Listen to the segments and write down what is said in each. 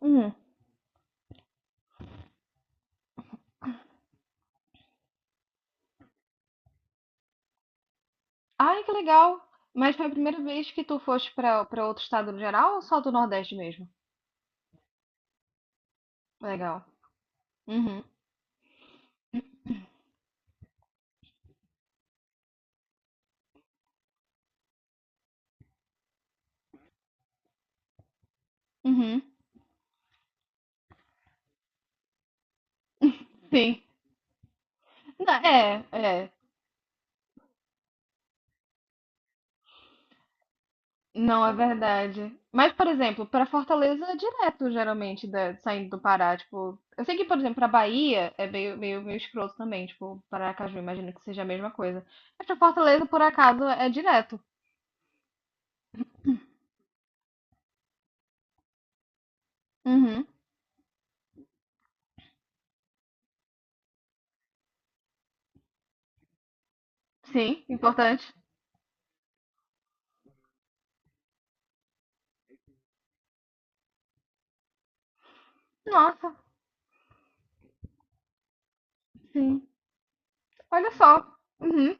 Hum. Ai, que legal! Mas foi a primeira vez que tu foste pra para outro estado no geral ou só do Nordeste mesmo? Legal. Uhum. Uhum. Sim. Não, é, é. Não é verdade. Mas, por exemplo, pra Fortaleza é direto, geralmente, saindo do Pará. Tipo, eu sei que, por exemplo, pra Bahia é meio escroto também. Tipo, Paracaju, imagino que seja a mesma coisa. Mas pra Fortaleza, por acaso, é direto. Uhum. Sim, importante. Nossa, sim. Olha só. Uhum.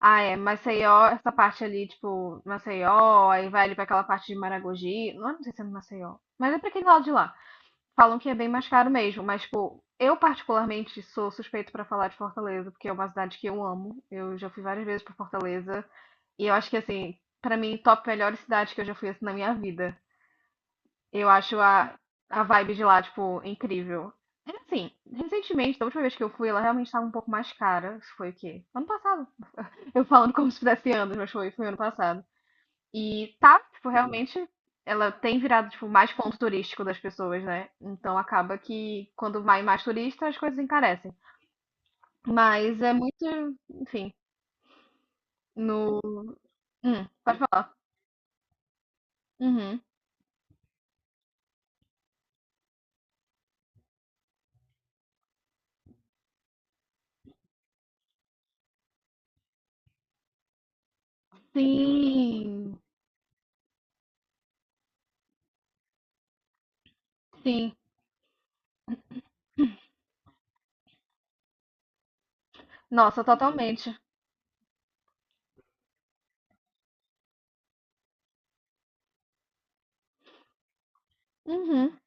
Ah, é, Maceió, essa parte ali, tipo, Maceió, aí vai ali pra aquela parte de Maragogi, não, não sei se é no Maceió, mas é pra aquele lado de lá. Falam que é bem mais caro mesmo, mas, tipo, eu particularmente sou suspeito pra falar de Fortaleza, porque é uma cidade que eu amo, eu já fui várias vezes pra Fortaleza, e eu acho que, assim, pra mim, top melhores cidades que eu já fui, assim, na minha vida. Eu acho a vibe de lá, tipo, incrível. É assim, recentemente, da última vez que eu fui, ela realmente estava um pouco mais cara, isso foi o quê? Ano passado, eu falando como se fizesse anos, mas foi ano passado. E tá, tipo, realmente ela tem virado, tipo, mais ponto turístico das pessoas, né? Então acaba que quando vai mais turista, as coisas encarecem. Mas é muito, enfim, no. Pode falar. Uhum. Sim, sim. Nossa, totalmente. Uhum.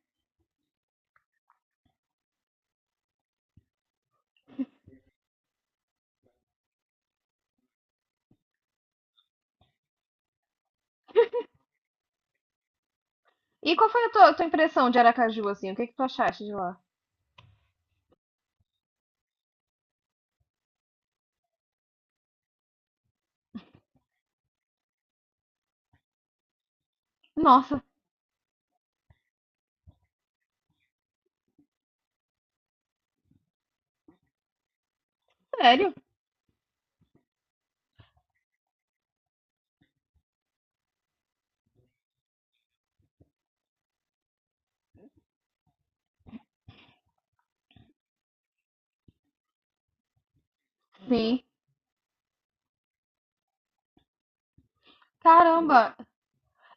E qual foi a tua impressão de Aracaju, assim? O que que tu achaste de lá? Nossa, sério? Sim. Caramba,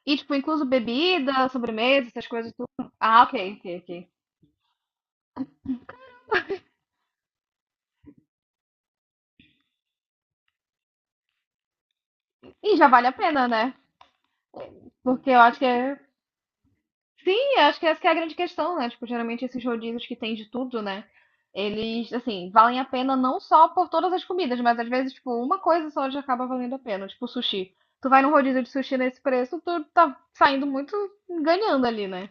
e, tipo, incluso bebida, sobremesa, essas coisas tudo. Ah, ok, ok, ok. E já vale a pena, né? Porque eu acho que é. Sim, eu acho que essa que é a grande questão, né? Tipo, geralmente esses rodízios que tem de tudo, né? Eles, assim, valem a pena não só por todas as comidas, mas às vezes, tipo, uma coisa só já acaba valendo a pena, tipo sushi. Tu vai num rodízio de sushi nesse preço, tu tá saindo muito ganhando ali, né?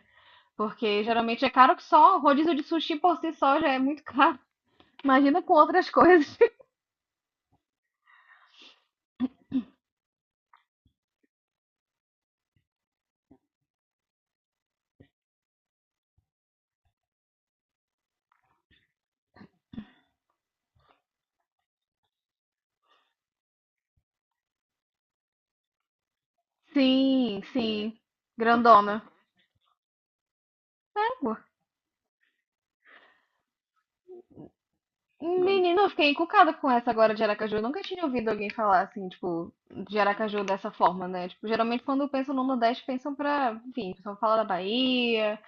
Porque geralmente é caro que só, rodízio de sushi por si só já é muito caro. Imagina com outras coisas. Sim, sim. Grandona. Égua. Menina, eu fiquei encucada com essa agora de Aracaju. Eu nunca tinha ouvido alguém falar assim, tipo, de Aracaju dessa forma, né? Tipo, geralmente quando pensam no Nordeste, pensam pra, enfim, o pessoal fala da Bahia,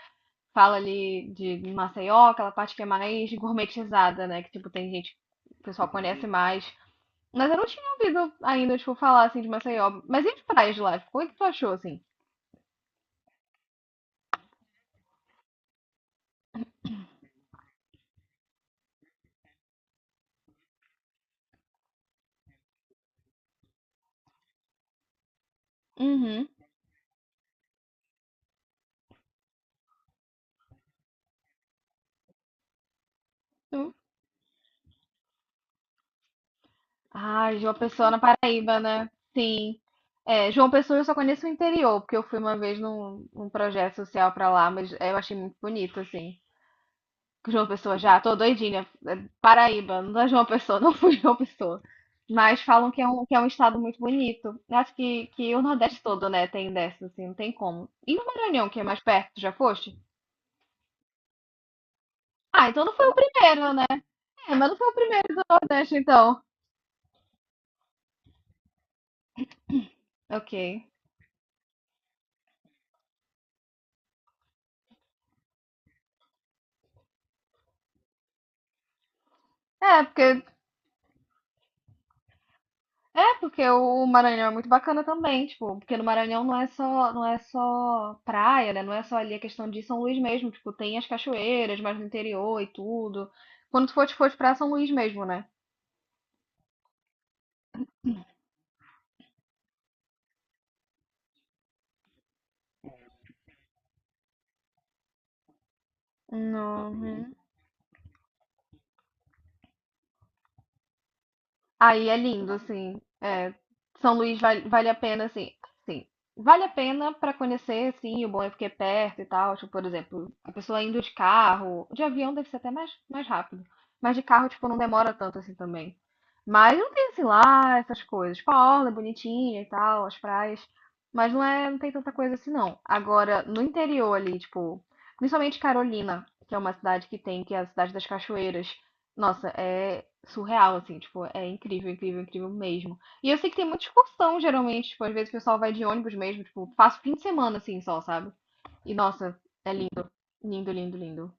fala ali de Maceió, aquela parte que é mais gourmetizada, né? Que, tipo, tem gente, o pessoal conhece, uhum, mais. Mas eu não tinha ouvido ainda, tipo, falar assim de Maceió. Mas e as praias de lá? Tipo, como é que tu achou, assim? Uhum. Ah, João Pessoa na Paraíba, né? Sim. É, João Pessoa eu só conheço o interior, porque eu fui uma vez num projeto social pra lá, mas eu achei muito bonito, assim. João Pessoa já, tô doidinha. É Paraíba, não é João Pessoa, não fui João Pessoa. Mas falam que é um estado muito bonito. Eu acho que o Nordeste todo, né, tem dessa, assim, não tem como. E o Maranhão, que é mais perto, já foste? Ah, então não foi o primeiro, né? É, mas não foi o primeiro do Nordeste, então. Ok. É, porque É, porque o Maranhão é muito bacana também, tipo, porque no Maranhão não é só praia, né? Não é só ali a questão de São Luís mesmo, tipo, tem as cachoeiras mais no interior e tudo. Quando tu for pra São Luís mesmo, né? No, aí é lindo, assim. É, São Luís vale a pena, assim. Sim, vale a pena para conhecer, sim, o bom é porque é perto e tal. Tipo, por exemplo, a pessoa indo de carro, de avião deve ser até mais rápido. Mas de carro, tipo, não demora tanto assim também. Mas não tem, assim, lá essas coisas. Tipo, a orla é bonitinha e tal, as praias. Mas não tem tanta coisa assim, não. Agora, no interior ali, tipo, principalmente Carolina, que é uma cidade que é a cidade das cachoeiras. Nossa, é surreal, assim, tipo, é incrível, incrível, incrível mesmo. E eu sei que tem muita excursão, geralmente, tipo, às vezes o pessoal vai de ônibus mesmo, tipo, passa o fim de semana, assim, só, sabe? E, nossa, é lindo, lindo, lindo, lindo.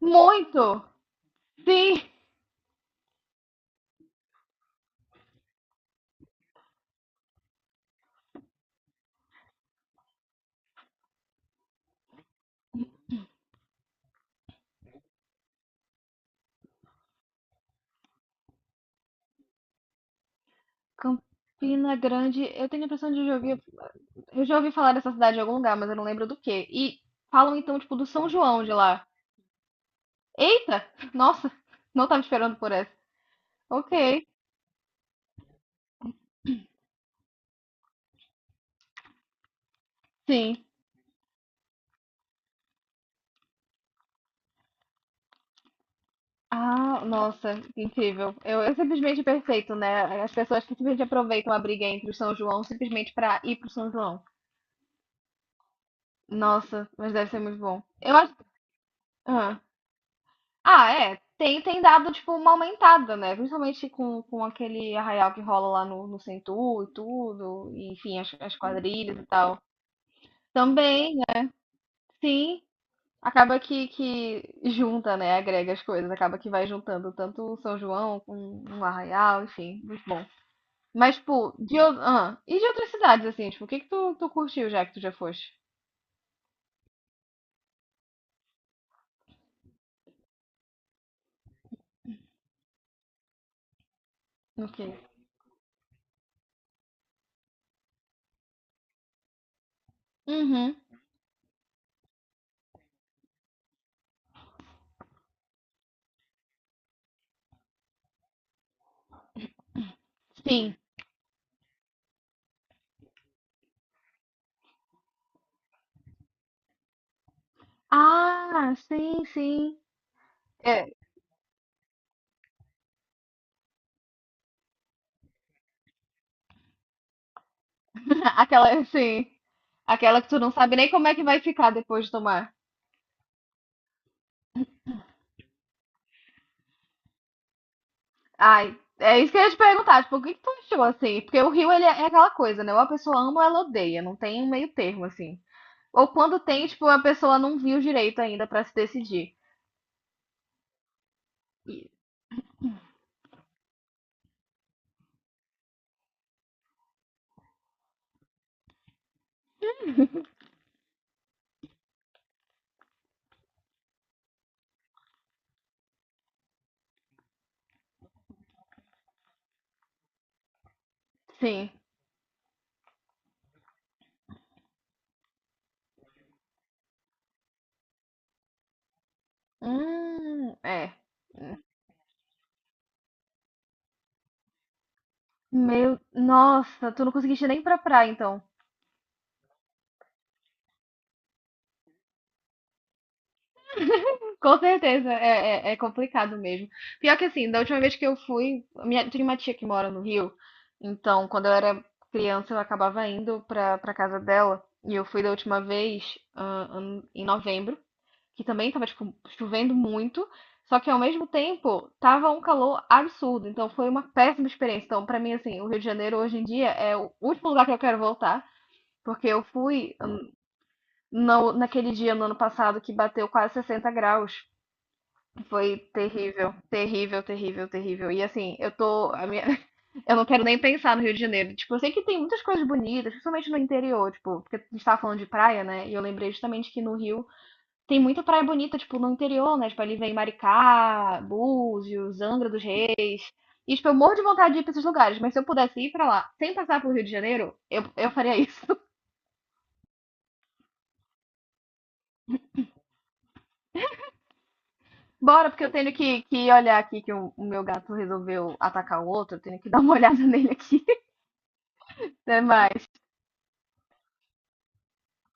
Muito! Sim! Campina Grande, eu tenho a impressão de já ouvir, eu já ouvi falar dessa cidade em algum lugar, mas eu não lembro do quê. E falam, então, tipo, do São João de lá. Eita! Nossa, não tava esperando por essa. Ok, sim. Ah, nossa, que incrível. Eu simplesmente perfeito, né? As pessoas que simplesmente aproveitam a briga entre o São João simplesmente para ir pro São João. Nossa, mas deve ser muito bom. Eu acho. Ah, ah, é. Tem dado, tipo, uma aumentada, né? Principalmente com aquele arraial que rola lá no Centur e tudo. E, enfim, as quadrilhas e tal. Também, sim, acaba que junta, né? Agrega as coisas. Acaba que vai juntando tanto o São João com um arraial, enfim, muito bom. Mas, tipo, e de outras cidades, assim, tipo, o que que tu curtiu já que tu já foste? Ok. Uhum. Sim. Ah, sim, sim. É, aquela, sim. Aquela que tu não sabe nem como é que vai ficar depois de tomar. Ai, é isso que eu ia te perguntar, tipo, o que que tu achou, assim? Porque o Rio, ele é aquela coisa, né? Ou a pessoa ama ou ela odeia, não tem um meio termo, assim. Ou quando tem, tipo, a pessoa não viu direito ainda pra se decidir. E- Sim. É. Meu, nossa, tu não conseguiste nem ir pra praia, então. Com certeza, é complicado mesmo. Pior que assim, da última vez que eu fui, tem uma tia que mora no Rio, então quando eu era criança eu acabava indo pra casa dela, e eu fui da última vez em novembro, que também tava, tipo, chovendo muito, só que ao mesmo tempo tava um calor absurdo, então foi uma péssima experiência. Então, pra mim, assim, o Rio de Janeiro hoje em dia é o último lugar que eu quero voltar, porque eu fui. No, Naquele dia no ano passado que bateu quase 60 graus. Foi terrível, terrível, terrível, terrível. E assim, eu tô. Eu não quero nem pensar no Rio de Janeiro. Tipo, eu sei que tem muitas coisas bonitas, principalmente no interior, tipo, porque a gente tava falando de praia, né? E eu lembrei justamente que no Rio tem muita praia bonita, tipo, no interior, né? Tipo, ali vem Maricá, Búzios, Angra dos Reis. E, tipo, eu morro de vontade de ir pra esses lugares, mas se eu pudesse ir pra lá sem passar pelo Rio de Janeiro, eu faria isso. Bora, porque eu tenho que olhar aqui que o meu gato resolveu atacar o outro. Eu tenho que dar uma olhada nele aqui. Até mais.